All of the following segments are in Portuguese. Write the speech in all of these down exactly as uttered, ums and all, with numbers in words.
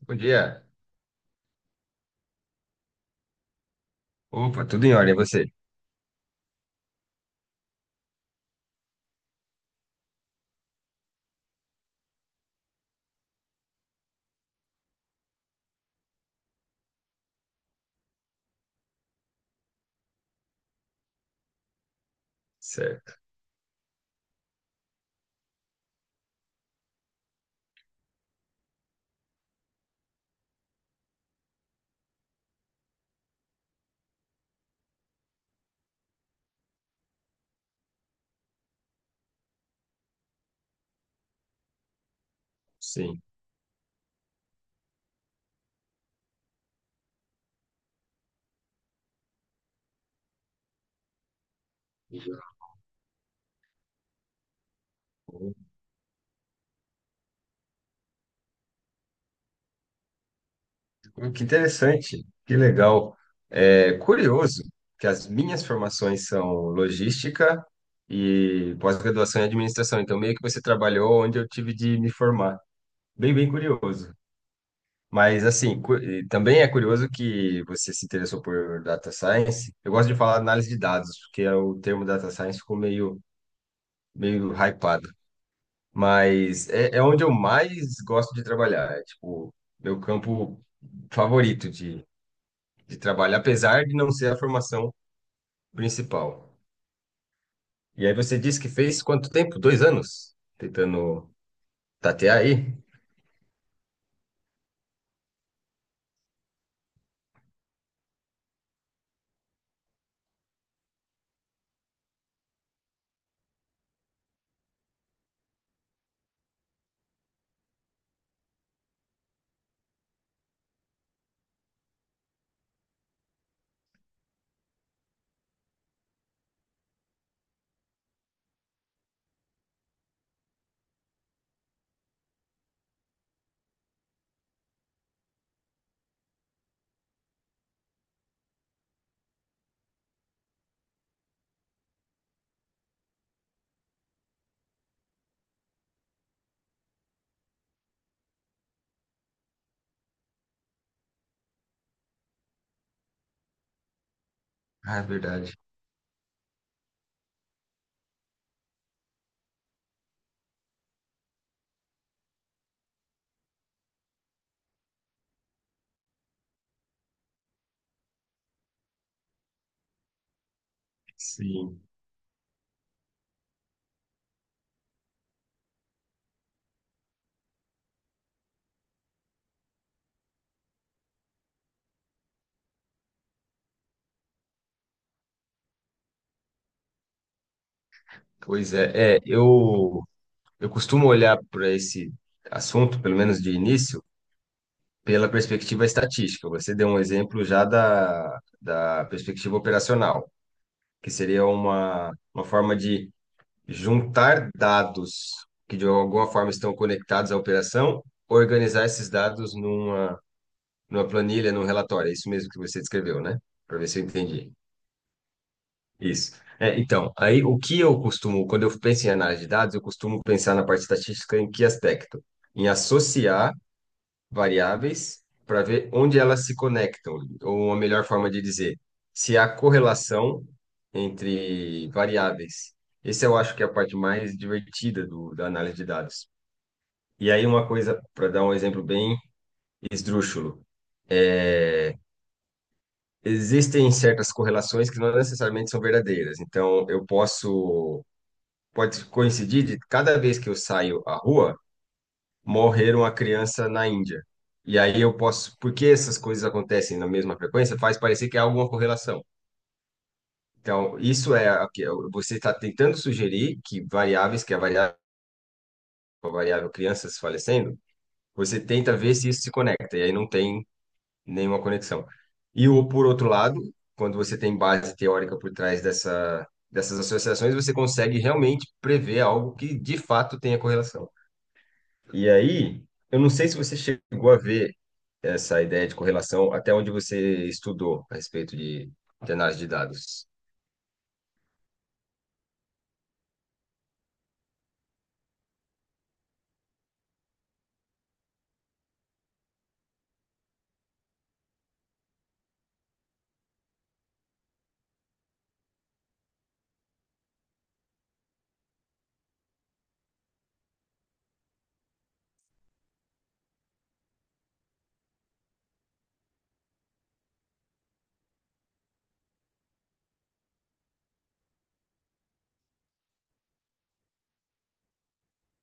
Bom dia. Opa, tudo em ordem, é você? Certo, sim. Oh, Que interessante, que legal. É curioso que as minhas formações são logística e pós-graduação em administração. Então, meio que você trabalhou onde eu tive de me formar. Bem, bem curioso. Mas, assim, cu- e também é curioso que você se interessou por data science. Eu gosto de falar análise de dados, porque é o termo data science ficou meio, meio hypado. Mas é, é onde eu mais gosto de trabalhar. É, tipo, meu campo favorito de, de trabalho, apesar de não ser a formação principal. E aí você disse que fez quanto tempo? Dois anos? Tentando tatear aí? Ah, é verdade. Sim. Pois é. É, eu, eu costumo olhar para esse assunto, pelo menos de início, pela perspectiva estatística. Você deu um exemplo já da, da perspectiva operacional, que seria uma, uma forma de juntar dados que de alguma forma estão conectados à operação, organizar esses dados numa, numa planilha, num relatório. É isso mesmo que você descreveu, né? Para ver se eu entendi. Isso. É, então, aí o que eu costumo, quando eu penso em análise de dados, eu costumo pensar na parte estatística em que aspecto? Em associar variáveis para ver onde elas se conectam, ou uma melhor forma de dizer, se há correlação entre variáveis. Esse eu acho que é a parte mais divertida do, da análise de dados. E aí uma coisa, para dar um exemplo bem esdrúxulo, existem certas correlações que não necessariamente são verdadeiras. Então, eu posso, pode coincidir de cada vez que eu saio à rua, morreram a criança na Índia. E aí eu posso, porque essas coisas acontecem na mesma frequência, faz parecer que há alguma correlação. Então, isso é a que você está tentando sugerir que variáveis, que a variável, a variável crianças falecendo, você tenta ver se isso se conecta, e aí não tem nenhuma conexão. E o, por outro lado, quando você tem base teórica por trás dessa, dessas associações, você consegue realmente prever algo que de fato tenha correlação. E aí, eu não sei se você chegou a ver essa ideia de correlação até onde você estudou a respeito de, de análise de dados?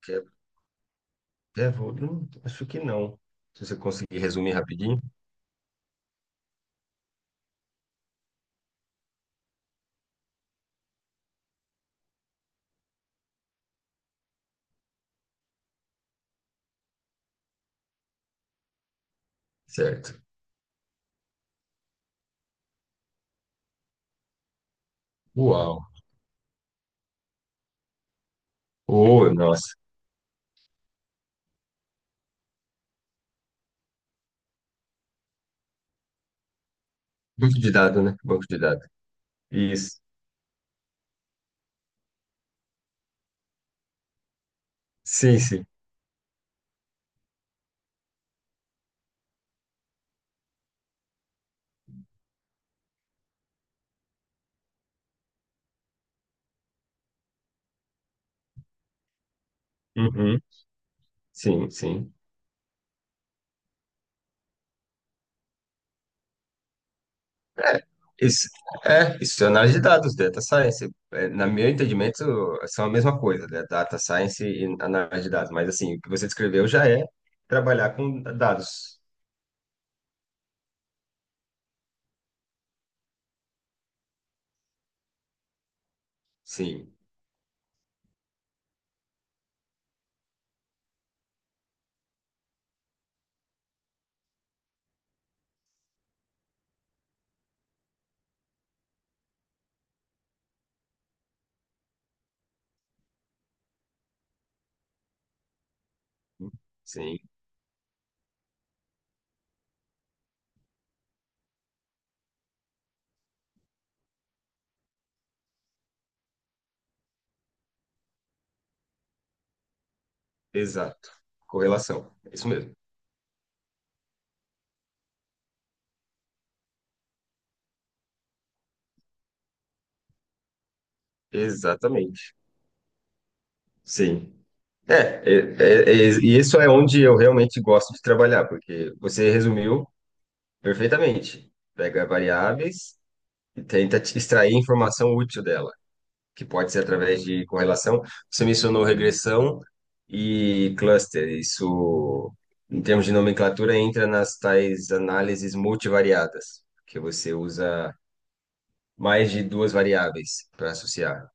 Que é- é, vou- não, acho que não. Se você conseguir resumir rapidinho, certo. Uau. Oh, nossa. Banco de dados, né? Banco de dados. Isso. Sim, sim. Uhum. Sim, sim. É, isso, é, isso é análise de dados, data science. É, na meu entendimento, são a mesma coisa, né? Data science e análise de dados. Mas, assim, o que você descreveu já é trabalhar com dados. Sim, sim. Exato. Correlação. É isso mesmo. Exatamente. Sim. É, é, é, é, e isso é onde eu realmente gosto de trabalhar, porque você resumiu perfeitamente. Pega variáveis e tenta te extrair informação útil dela, que pode ser através de correlação. Você mencionou regressão e cluster. Isso, em termos de nomenclatura, entra nas tais análises multivariadas, que você usa mais de duas variáveis para associar.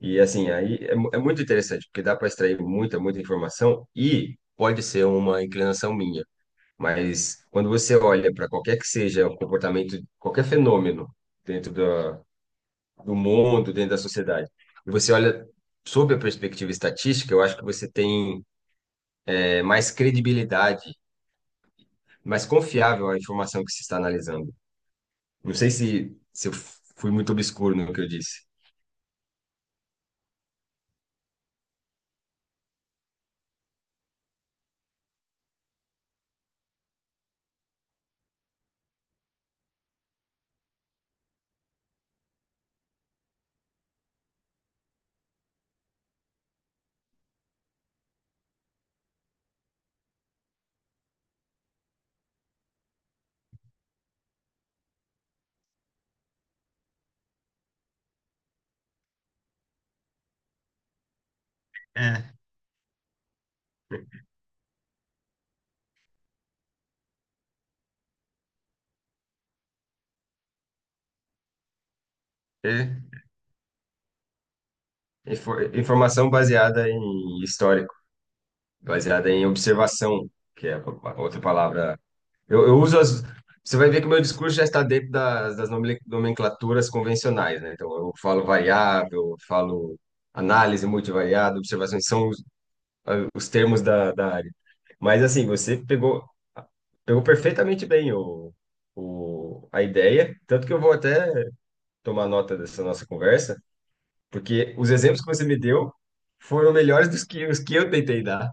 E assim, aí é, mu- é muito interessante, porque dá para extrair muita, muita informação e pode ser uma inclinação minha. Mas quando você olha para qualquer que seja o comportamento, qualquer fenômeno dentro da, do mundo, dentro da sociedade, e você olha sob a perspectiva estatística, eu acho que você tem é, mais credibilidade, mais confiável a informação que se está analisando. Não sei se, se eu fui muito obscuro no que eu disse. É, É, infor- informação baseada em história, baseada em observação, que é a outra palavra. Eu, eu uso as. Você vai ver que o meu discurso já está dentro das, das nomele- nomenclaturas convencionais, né? Então, eu falo variável, eu falo análise multivariada, observações, são os, ah, os termos da, da área. Mas, assim, você pegou, pegou perfeitamente bem o, o, a ideia, tanto que eu vou até tomar nota dessa nossa conversa, porque os exemplos que você me deu foram melhores dos que, os que eu tentei dar.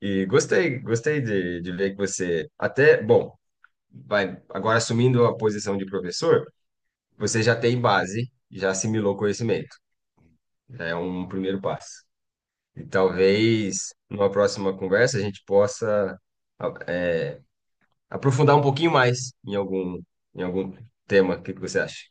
E gostei, gostei de, de ver que você até, bom, vai agora assumindo a posição de professor, você já tem base, já assimilou conhecimento. Já é um primeiro passo. E talvez numa próxima conversa a gente possa a- é, aprofundar um pouquinho mais em algum, em algum tema. O que que você acha?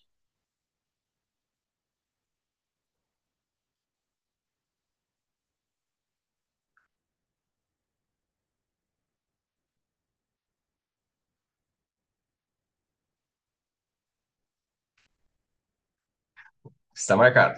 Está marcado.